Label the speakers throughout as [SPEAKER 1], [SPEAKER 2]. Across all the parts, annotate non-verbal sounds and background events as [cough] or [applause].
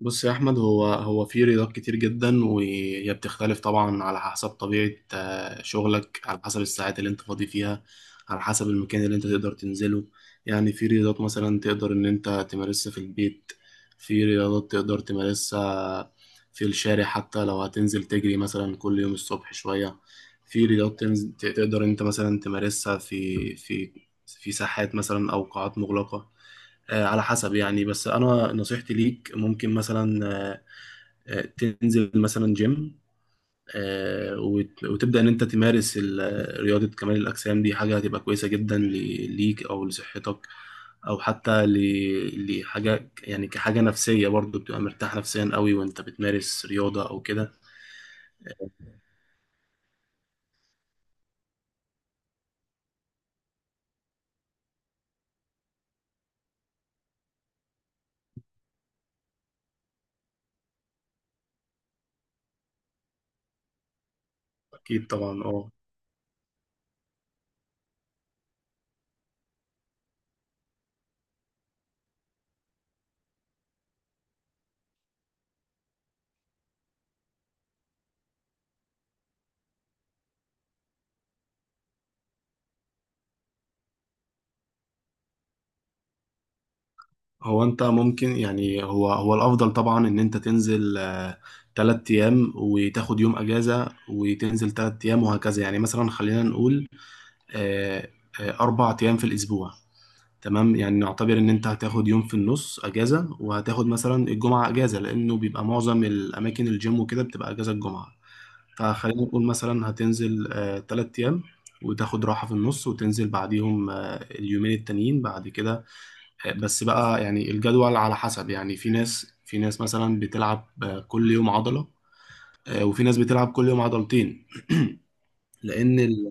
[SPEAKER 1] بص يا احمد هو في رياضات كتير جدا وهي بتختلف طبعا على حسب طبيعه شغلك على حسب الساعات اللي انت فاضي فيها. على حسب المكان اللي انت تقدر تنزله. يعني في رياضات مثلا تقدر ان انت تمارسها في البيت. في رياضات تقدر تمارسها في الشارع حتى لو هتنزل تجري مثلا كل يوم الصبح شويه. في رياضات تقدر انت مثلا تمارسها في في ساحات مثلا او قاعات مغلقه. على حسب يعني، بس انا نصيحتي ليك ممكن مثلا آه، تنزل مثلا جيم، وتبدا ان انت تمارس رياضه كمال الاجسام، دي حاجه هتبقى كويسه جدا ليك او لصحتك، او حتى لحاجه يعني كحاجه نفسيه، برضو بتبقى مرتاح نفسيا قوي وانت بتمارس رياضه او كده. اكيد طبعا اه. هو انت ممكن يعني هو الافضل طبعا ان انت تنزل تلات ايام وتاخد يوم اجازه وتنزل تلات ايام وهكذا. يعني مثلا خلينا نقول آه، اربع ايام في الاسبوع. تمام، يعني نعتبر ان انت هتاخد يوم في النص اجازه وهتاخد مثلا الجمعه اجازه، لانه بيبقى معظم الاماكن الجيم وكده بتبقى اجازه الجمعه. فخلينا نقول مثلا هتنزل تلات ايام وتاخد راحه في النص وتنزل بعديهم اليومين التانيين بعد كده. بس بقى يعني الجدول على حسب، يعني في ناس، في ناس مثلا بتلعب كل يوم عضلة، وفي ناس بتلعب كل يوم عضلتين. لأن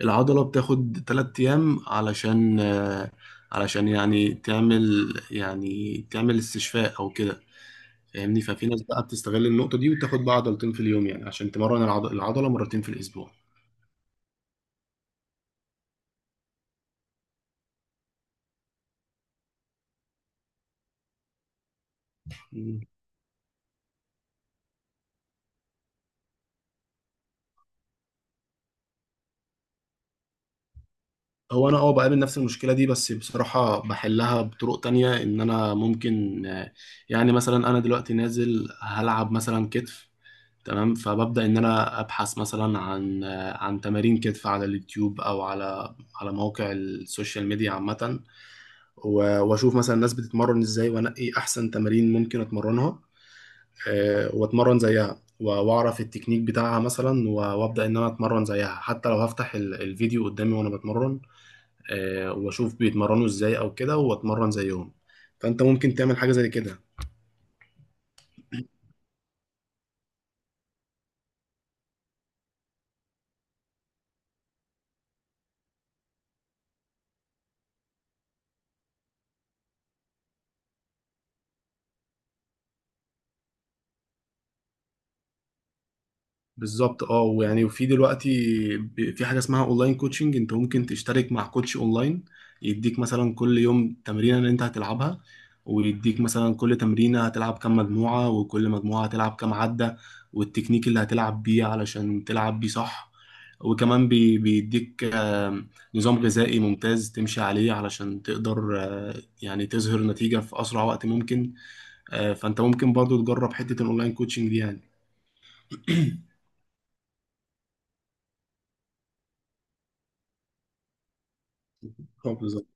[SPEAKER 1] العضلة بتاخد تلات أيام علشان علشان يعني تعمل يعني تعمل استشفاء أو كده. فاهمني؟ ففي ناس بقى بتستغل النقطة دي وتاخد بقى عضلتين في اليوم يعني عشان تمرن العضلة مرتين في الأسبوع. هو انا اه بقابل نفس المشكله دي، بس بصراحه بحلها بطرق تانية. ان انا ممكن يعني مثلا انا دلوقتي نازل هلعب مثلا كتف، تمام، فببدا ان انا ابحث مثلا عن عن تمارين كتف على اليوتيوب او على على مواقع السوشيال ميديا عامه، واشوف مثلا الناس بتتمرن ازاي وانقي احسن تمارين ممكن اتمرنها، واتمرن زيها واعرف التكنيك بتاعها مثلا وابدا ان انا اتمرن زيها، حتى لو هفتح الفيديو قدامي وانا بتمرن، واشوف بيتمرنوا ازاي او كده واتمرن زيهم. فانت ممكن تعمل حاجه زي كده. بالظبط اه. ويعني وفي دلوقتي، في حاجه اسمها اونلاين كوتشنج، انت ممكن تشترك مع كوتش اونلاين يديك مثلا كل يوم تمرينه اللي انت هتلعبها، ويديك مثلا كل تمرينه هتلعب كام مجموعه، وكل مجموعه هتلعب كام عده، والتكنيك اللي هتلعب بيه علشان تلعب بيه صح. وكمان بيديك نظام غذائي ممتاز تمشي عليه علشان تقدر يعني تظهر نتيجه في اسرع وقت ممكن. فانت ممكن برضو تجرب حته الاونلاين كوتشنج دي يعني. [coughs] [clears throat] اه بالظبط.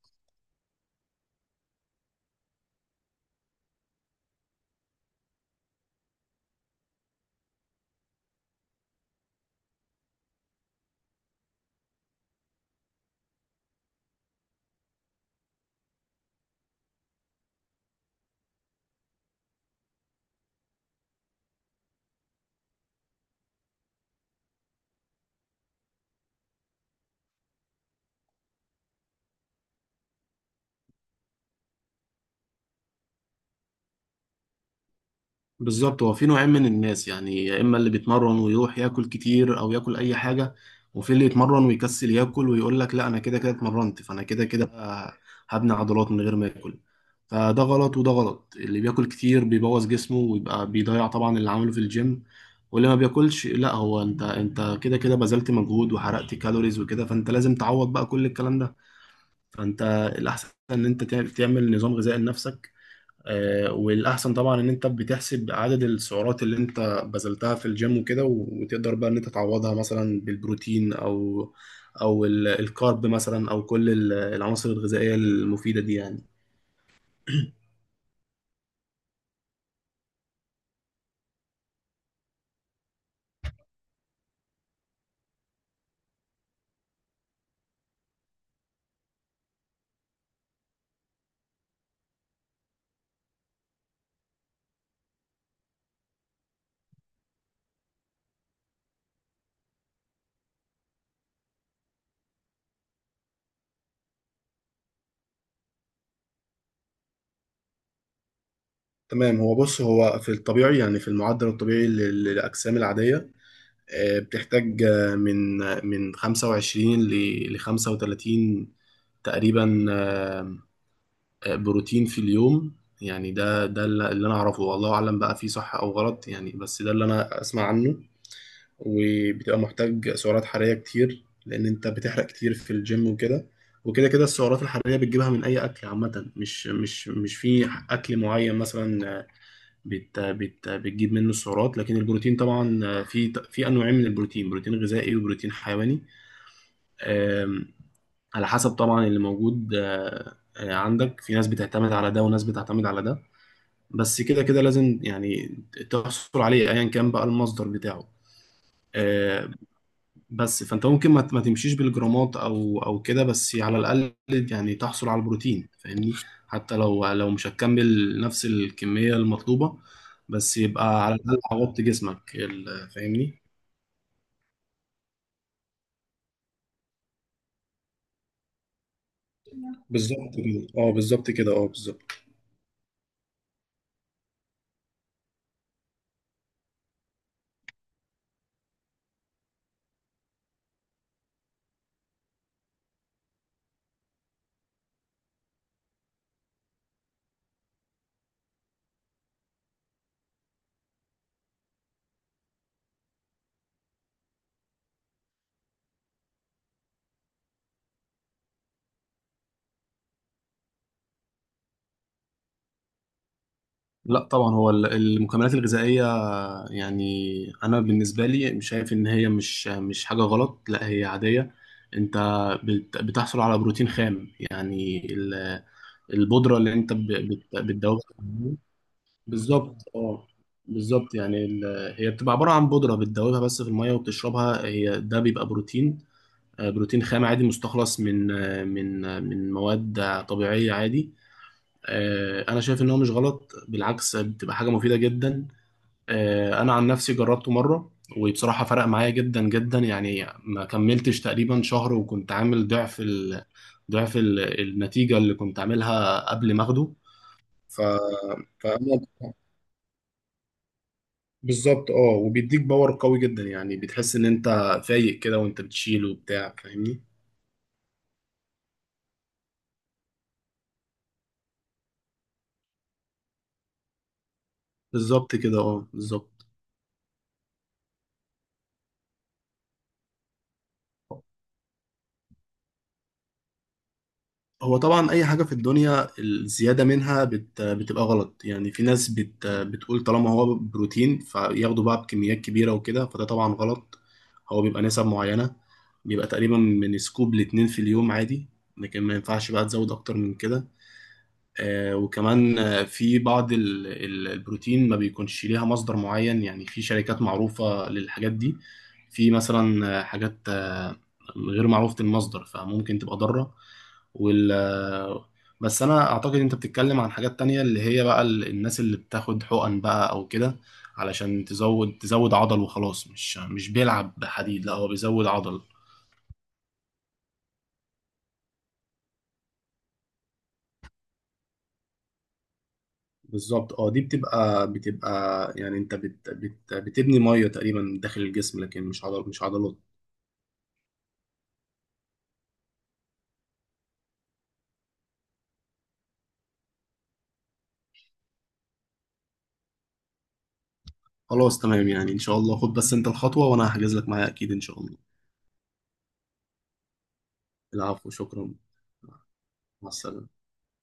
[SPEAKER 1] بالظبط، هو في نوعين من الناس. يعني يا اما اللي بيتمرن ويروح ياكل كتير او ياكل اي حاجه، وفي اللي يتمرن ويكسل ياكل ويقول لك لا انا كده كده اتمرنت فانا كده كده هبني عضلات من غير ما اكل. فده غلط وده غلط. اللي بياكل كتير بيبوظ جسمه ويبقى بيضيع طبعا اللي عمله في الجيم. واللي ما بياكلش، لا هو انت كده كده بذلت مجهود وحرقت كالوريز وكده، فانت لازم تعوض بقى كل الكلام ده. فانت الاحسن ان انت تعمل نظام غذائي لنفسك. والاحسن طبعا ان انت بتحسب عدد السعرات اللي انت بذلتها في الجيم وكده، وتقدر بقى ان انت تعوضها مثلا بالبروتين او او الكارب مثلا، او كل العناصر الغذائيه المفيده دي يعني. تمام، هو بص هو في الطبيعي، يعني في المعدل الطبيعي للاجسام العاديه، بتحتاج من 25 ل 35 تقريبا بروتين في اليوم. يعني ده اللي انا اعرفه، والله اعلم بقى فيه صح او غلط، يعني بس ده اللي انا اسمع عنه. وبتبقى محتاج سعرات حرارية كتير لان انت بتحرق كتير في الجيم وكده. وكده كده السعرات الحرارية بتجيبها من اي اكل عامة، مش في اكل معين مثلا بت بتجيب منه السعرات. لكن البروتين طبعا في في انواعين من البروتين، بروتين غذائي وبروتين حيواني. أم، على حسب طبعا اللي موجود أه، آه، عندك. في ناس بتعتمد على ده وناس بتعتمد على ده، بس كده كده لازم يعني تحصل عليه ايا كان بقى المصدر بتاعه. آه، بس فانت ممكن ما تمشيش بالجرامات او او كده، بس على الاقل يعني تحصل على البروتين، فاهمني؟ حتى لو مش هتكمل نفس الكمية المطلوبة، بس يبقى على الاقل عوضت جسمك فاهمني. بالظبط كده اه، بالظبط كده اه، بالظبط. لا طبعا هو المكملات الغذائية يعني انا بالنسبه لي شايف ان هي مش حاجه غلط، لا هي عاديه. انت بتحصل على بروتين خام، يعني البودره اللي انت بتدوبها. بالظبط اه، بالظبط. يعني هي بتبقى عباره عن بودره بتدوبها بس في الميه وبتشربها، هي ده بيبقى بروتين، بروتين خام عادي، مستخلص من من مواد طبيعيه، عادي. انا شايف ان هو مش غلط، بالعكس بتبقى حاجه مفيده جدا. انا عن نفسي جربته مره، وبصراحه فرق معايا جدا جدا. يعني ما كملتش تقريبا شهر وكنت عامل ضعف ال... ضعف ال... النتيجه اللي كنت عاملها قبل ما اخده. ف... فأنا بالظبط اه، وبيديك باور قوي جدا، يعني بتحس ان انت فايق كده وانت بتشيل وبتاع، فاهمني؟ بالظبط كده اه، بالظبط. هو طبعا اي حاجه في الدنيا الزياده منها بتبقى غلط. يعني في ناس بتقول طالما هو بروتين فياخدوا بقى بكميات كبيره وكده، فده طبعا غلط. هو بيبقى نسب معينه، بيبقى تقريبا من سكوب لاتنين في اليوم عادي، لكن ما ينفعش بقى تزود اكتر من كده. وكمان في بعض البروتين ما بيكونش ليها مصدر معين. يعني في شركات معروفة للحاجات دي، في مثلا حاجات غير معروفة المصدر فممكن تبقى ضارة. وال آه، بس أنا أعتقد أنت بتتكلم عن حاجات تانية، اللي هي بقى الناس اللي بتاخد حقن بقى أو كده علشان تزود عضل وخلاص، مش بيلعب بحديد، لا هو بيزود عضل. بالظبط اه، دي بتبقى يعني انت بت بتبني ميه تقريبا داخل الجسم، لكن مش عضل، مش عضلات. خلاص تمام، يعني ان شاء الله خد بس انت الخطوه وانا هحجز لك معايا اكيد ان شاء الله. العفو، شكرا. مع السلامه.